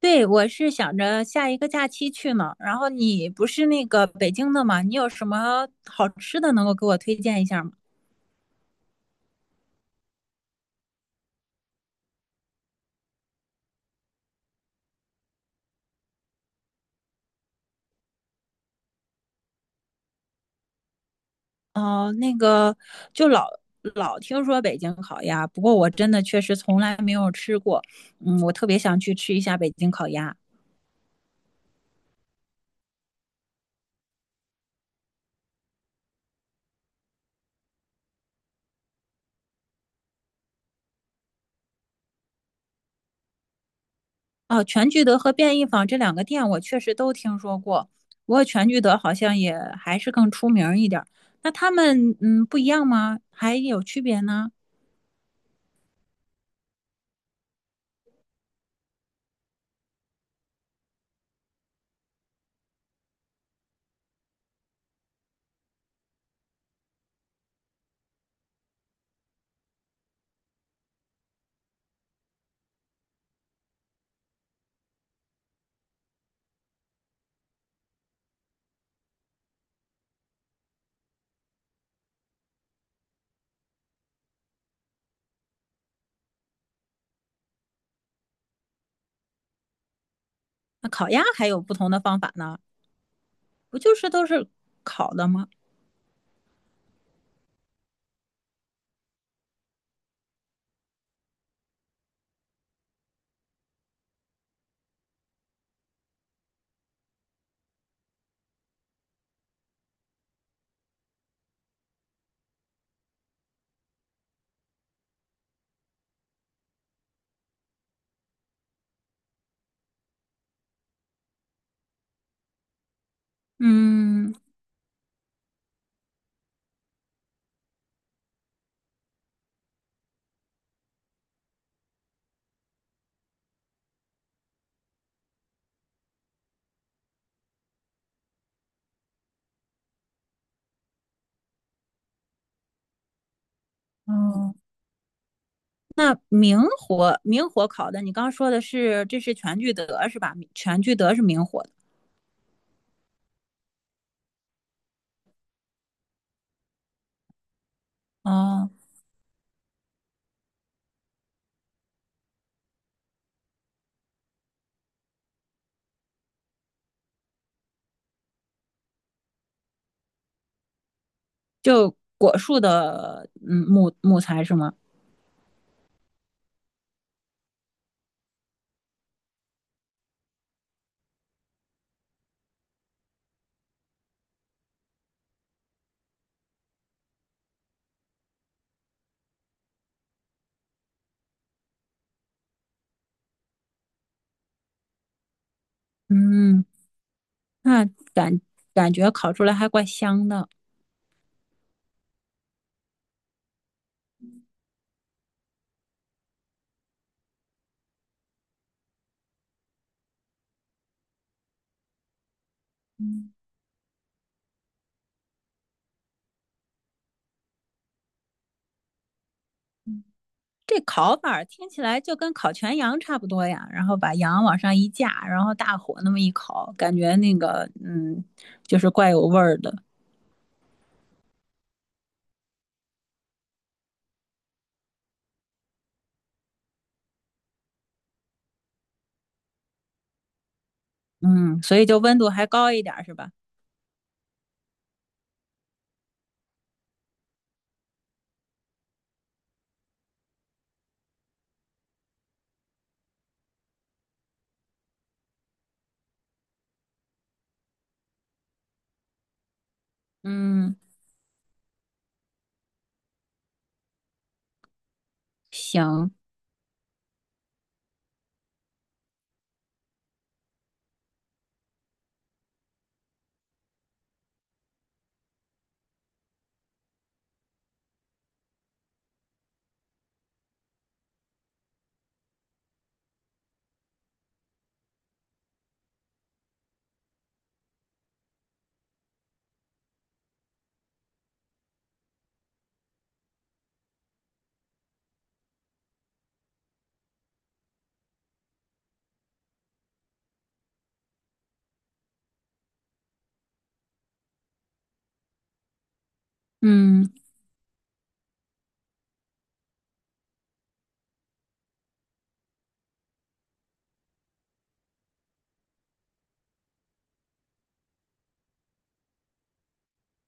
对，我是想着下一个假期去呢。然后你不是那个北京的吗？你有什么好吃的能够给我推荐一下吗？哦、那个就老听说北京烤鸭，不过我真的确实从来没有吃过。嗯，我特别想去吃一下北京烤鸭。哦、全聚德和便宜坊这两个店我确实都听说过，不过全聚德好像也还是更出名儿一点儿。那他们不一样吗？还有区别呢？那烤鸭还有不同的方法呢？不就是都是烤的吗？嗯，哦，那明火烤的，你刚刚说的是这是全聚德是吧？全聚德是明火的。哦，就果树的木材是吗？嗯，那感感觉烤出来还怪香的。嗯，这烤法儿听起来就跟烤全羊差不多呀，然后把羊往上一架，然后大火那么一烤，感觉那个就是怪有味儿的。嗯，所以就温度还高一点儿是吧？嗯，行，嗯，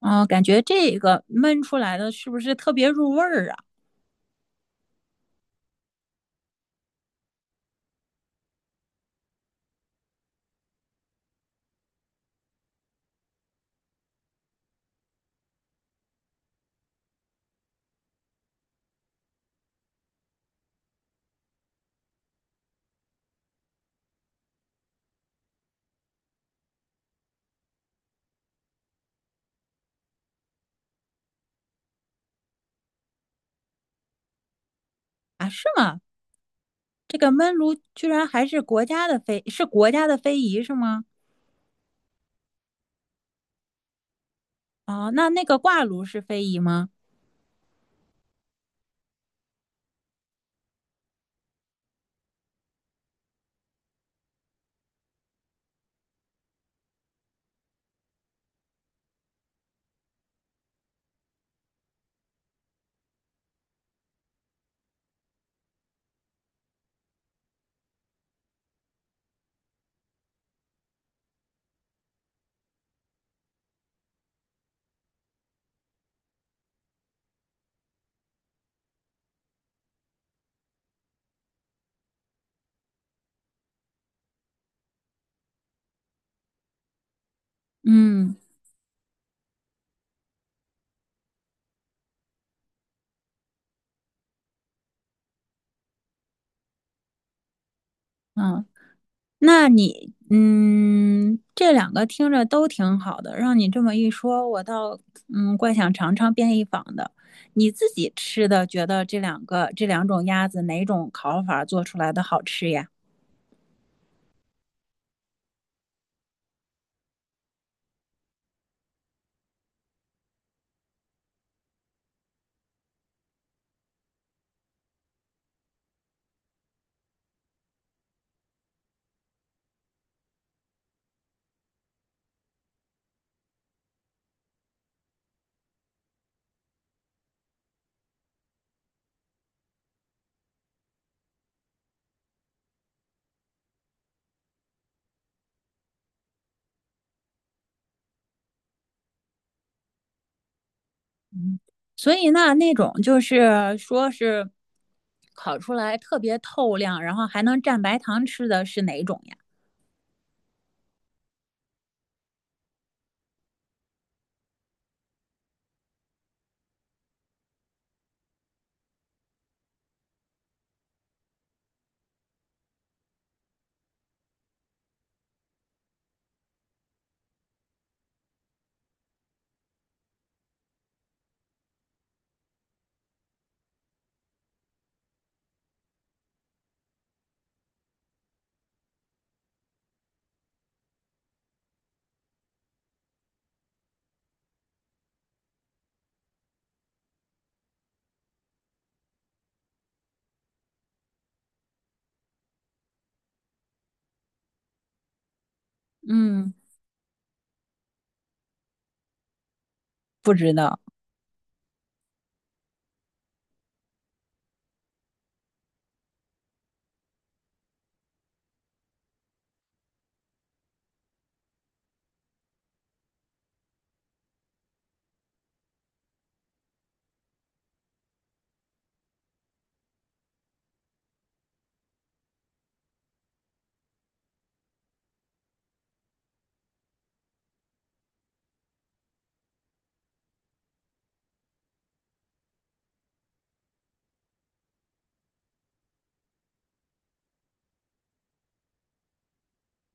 哦，感觉这个焖出来的是不是特别入味儿啊？啊，是吗？这个焖炉居然还是国家的非，是国家的非遗是吗？哦，那那个挂炉是非遗吗？嗯嗯，那你，这两个听着都挺好的，让你这么一说，我倒怪想尝尝便宜坊的。你自己吃的，觉得这两个这两种鸭子哪种烤法做出来的好吃呀？所以那那种就是说是烤出来特别透亮，然后还能蘸白糖吃的是哪种呀？嗯，不知道。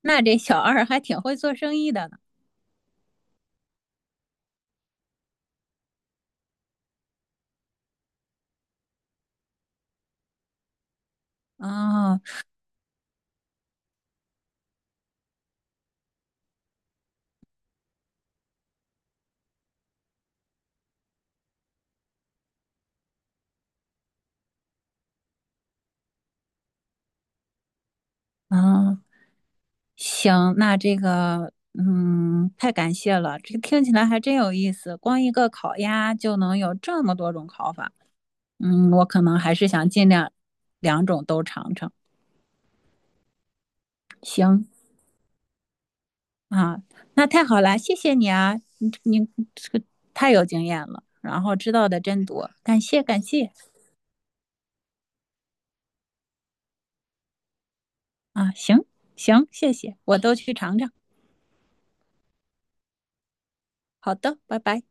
那这小二还挺会做生意的呢。哦，嗯，行，那这个，嗯，太感谢了，这个听起来还真有意思。光一个烤鸭就能有这么多种烤法，嗯，我可能还是想尽量两种都尝尝。行，啊，那太好了，谢谢你啊，你这个太有经验了，然后知道的真多，感谢感谢啊，行，谢谢，我都去尝尝。好的，拜拜。